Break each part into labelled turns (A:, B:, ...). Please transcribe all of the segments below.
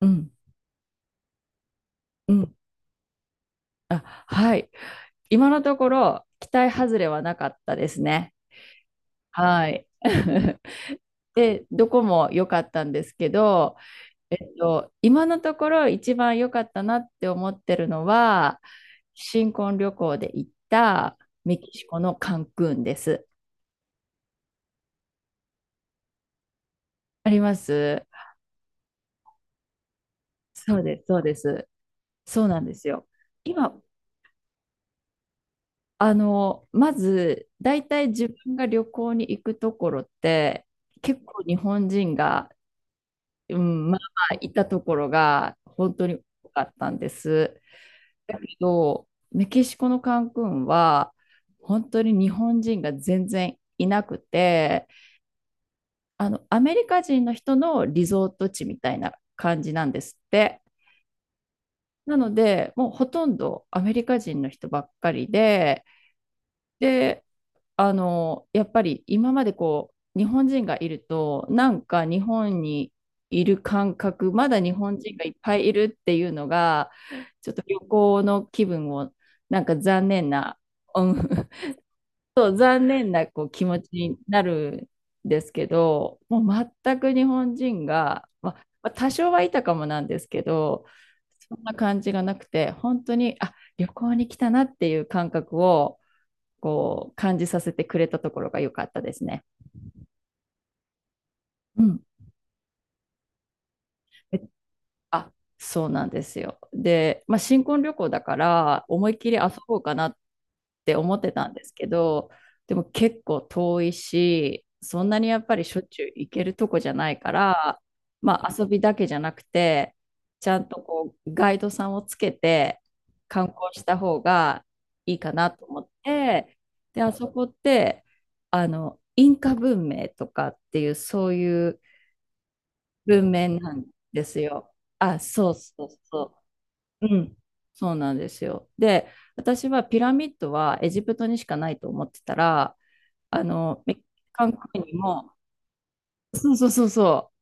A: うん、うん。あ、はい。今のところ、期待外れはなかったですね。はい。で、どこも良かったんですけど、今のところ一番良かったなって思ってるのは、新婚旅行で行ったメキシコのカンクンです。あります。そうです、そうです。そうなんですよ。今、まず、大体自分が旅行に行くところって、結構日本人がうん、まあいたところが本当に多かったんです。だけど、メキシコのカンクンは、本当に日本人が全然いなくて、アメリカ人の人のリゾート地みたいな感じなんですって。なので、もうほとんどアメリカ人の人ばっかりで、で、やっぱり今までこう、日本人がいると、なんか日本にいる感覚、まだ日本人がいっぱいいるっていうのが、ちょっと旅行の気分を、なんか残念な、うん、そう残念なこう気持ちになるんですけど、もう全く日本人が、まあまあ多少はいたかもなんですけど、そんな感じがなくて、本当に、あ、旅行に来たなっていう感覚を、こう感じさせてくれたところが良かったですね。うん。えっ。あ、そうなんですよ。で、まあ、新婚旅行だから思いっきり遊ぼうかなって思ってたんですけど、でも結構遠いし、そんなにやっぱりしょっちゅう行けるとこじゃないから、まあ、遊びだけじゃなくて、ちゃんとこうガイドさんをつけて観光した方がいいかなと思って、で、あそこって、インカ文明とかっていうそういう文面なんですよ。あ、そうそうそう。うん。そうなんですよ。で、私はピラミッドはエジプトにしかないと思ってたら、メキシカン国にも、そうそうそうそ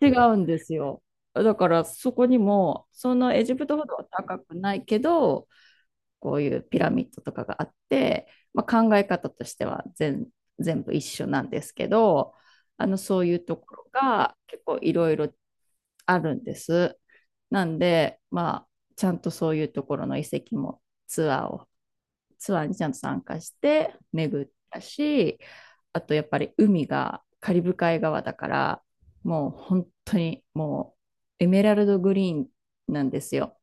A: う、違うんですよ。だからそこにも、そのエジプトほどは高くないけど、こういうピラミッドとかがあって、まあ、考え方としては全部一緒なんですけど、あのそういうところが結構いろいろあるんです。なんで、まあ、ちゃんとそういうところの遺跡もツアーにちゃんと参加して巡ったし、あとやっぱり海がカリブ海側だから、もう本当にもうエメラルドグリーンなんですよ。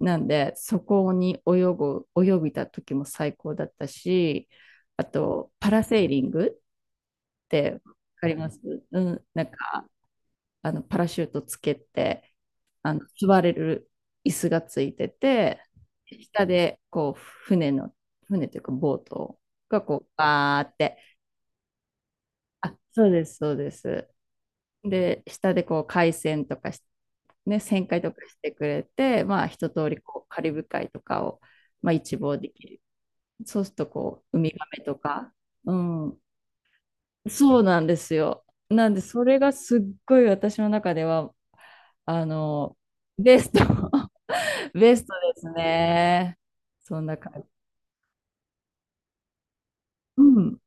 A: なんで、そこに泳ぎた時も最高だったし、あと、パラセーリングってわかります？うん、なんか、パラシュートつけて、座れる椅子がついてて、下で、こう、船の、船というか、ボートがこう、バーって、あ、そうです、そうです。で、下でこう、海鮮とかし、ね、旋回とかしてくれて、まあ、一通りこう、カリブ海とかを、まあ、一望できる。そうするとこう、ウミガメとか。うん。そうなんですよ。なんで、それがすっごい私の中では、あの、ベスト、ベストですね。そんな感じ。うん。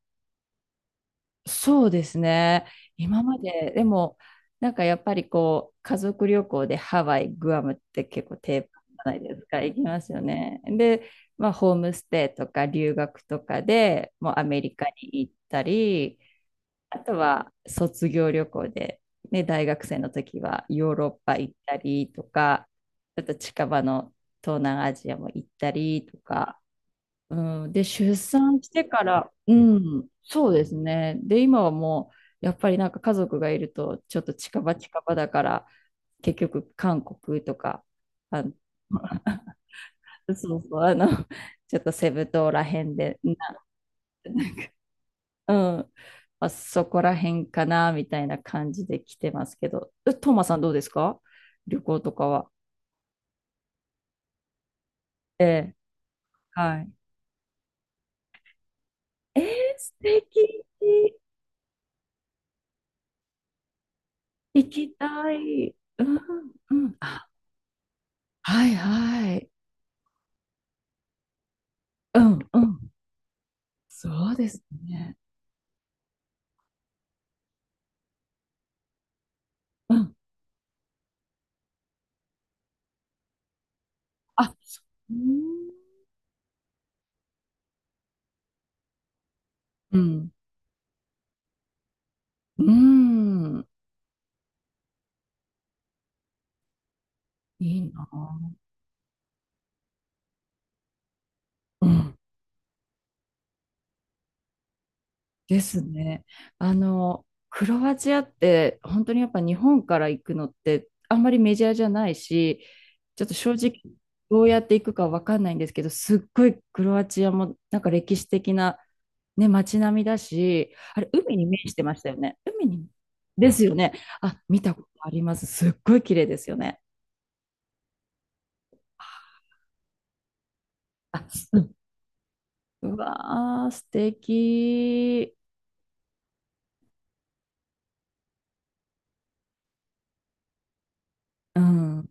A: そうですね。今まで、でも、なんかやっぱりこう、家族旅行でハワイ、グアムって結構定番じゃないですか、行きますよね。で、まあ、ホームステイとか留学とかでもうアメリカに行ったり、あとは卒業旅行で、ね、大学生の時はヨーロッパ行ったりとか、ちょっと近場の東南アジアも行ったりとか、うん、で、出産してから、うん、そうですね。で、今はもう、やっぱりなんか家族がいると、ちょっと近場近場だから、結局韓国とか、あの、 そうそう、あの、ちょっとセブ島らへんで、な、うん。まあ、そこら辺かな、みたいな感じで来てますけど。えトーマさんどうですか？旅行とかは。ええ、はい。えー、素敵。行きたい。うん、うん。あ、はいはい。うん、うん。そうですね。うん。あ、そう。うん、うん。いいな。うん。ですね。クロアチアって本当にやっぱ日本から行くのってあんまりメジャーじゃないし、ちょっと正直どうやって行くかわかんないんですけど、すっごいクロアチアもなんか歴史的な、ね、街並みだし、あれ、海に面してましたよね。海にですよね。あ、見たことあります。すっごい綺麗ですよね。あ、うん。うわー、素敵。うん。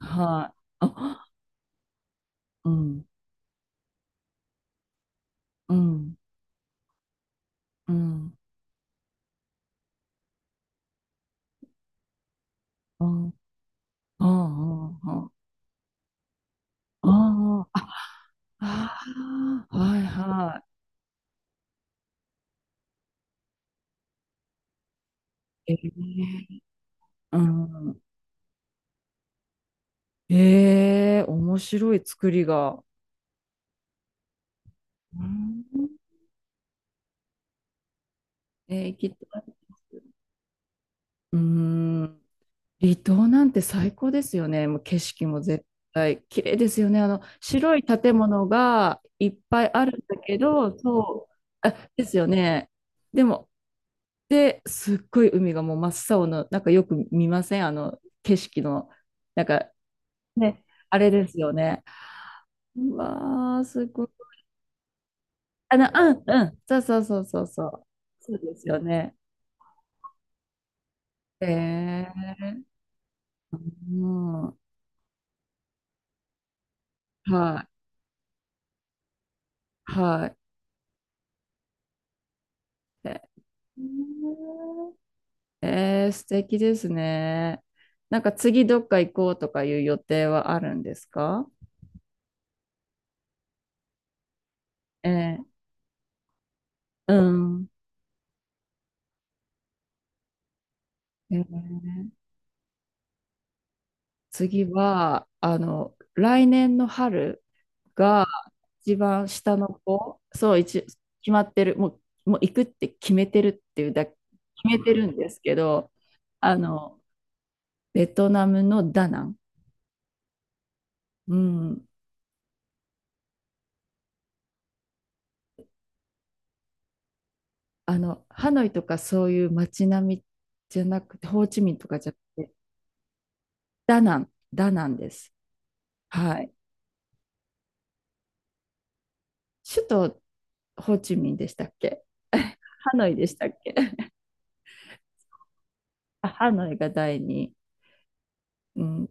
A: はい。あ、うん、うん、うん、うん。うんうんうん。ああ、ああはいはい。ええ、うん。ええ、面白い作りが。うん。ええ行きたいです。うん。離島なんて最高ですよね。もう景色も絶対綺麗ですよね。あの白い建物がいっぱいあるんだけど、そう、あ、ですよね。でも、で、すっごい海がもう真っ青の、なんかよく見ません？あの景色の、なんかね、あれですよね。うわー、すごい。うんうん、そうそうそうそうそう。そうですよね。ええ、うん、はい、はい。えー、えー、素敵ですね。なんか次どっか行こうとかいう予定はあるんですか？えー、うん。えー、次は、来年の春が一番下の子、そう、決まってる、もう、もう行くって決めてるっていうだ、決めてるんですけど、あの、ベトナムのダナン。うん。ハノイとかそういう街並みじゃなくて、ホーチミンとかじゃなくて、ダナン、ダナンです。はい。首都、ホーチミンでしたっけ？ ハノイでしたっけ？ あ、ハノイが第二。うん。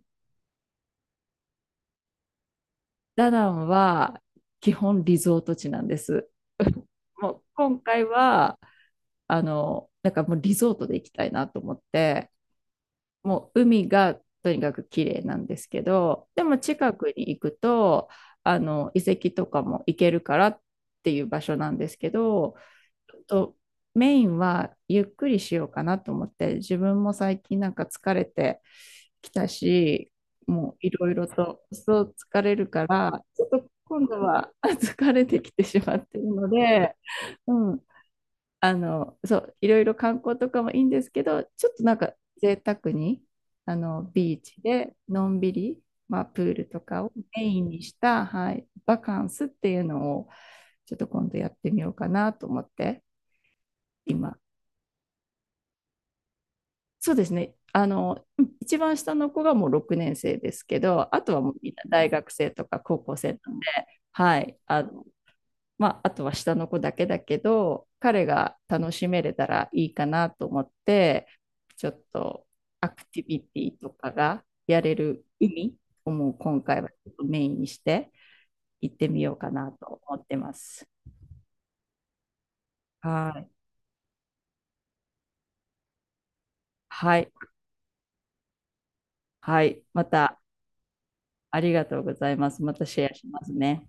A: ダナンは基本リゾート地なんです。もう今回は、なんかもうリゾートで行きたいなと思って、もう海がとにかく綺麗なんですけど、でも近くに行くと、あの遺跡とかも行けるからっていう場所なんですけど、と、メインはゆっくりしようかなと思って、自分も最近なんか疲れてきたし、もういろいろとそう疲れるからちょっと今度は あ、疲れてきてしまっているので、うん、あのそういろいろ観光とかもいいんですけど、ちょっとなんか贅沢に、あのビーチでのんびり、まあ、プールとかをメインにした、はい、バカンスっていうのをちょっと今度やってみようかなと思って、今、そうですね。一番下の子がもう6年生ですけど、あとはもうみんな大学生とか高校生なんで、はい、まあ、あとは下の子だけだけど、彼が楽しめれたらいいかなと思って、ちょっとアクティビティとかがやれる海をもう今回はちょっとメインにして行ってみようかなと思ってます。はい。はい。はい。また、ありがとうございます。またシェアしますね。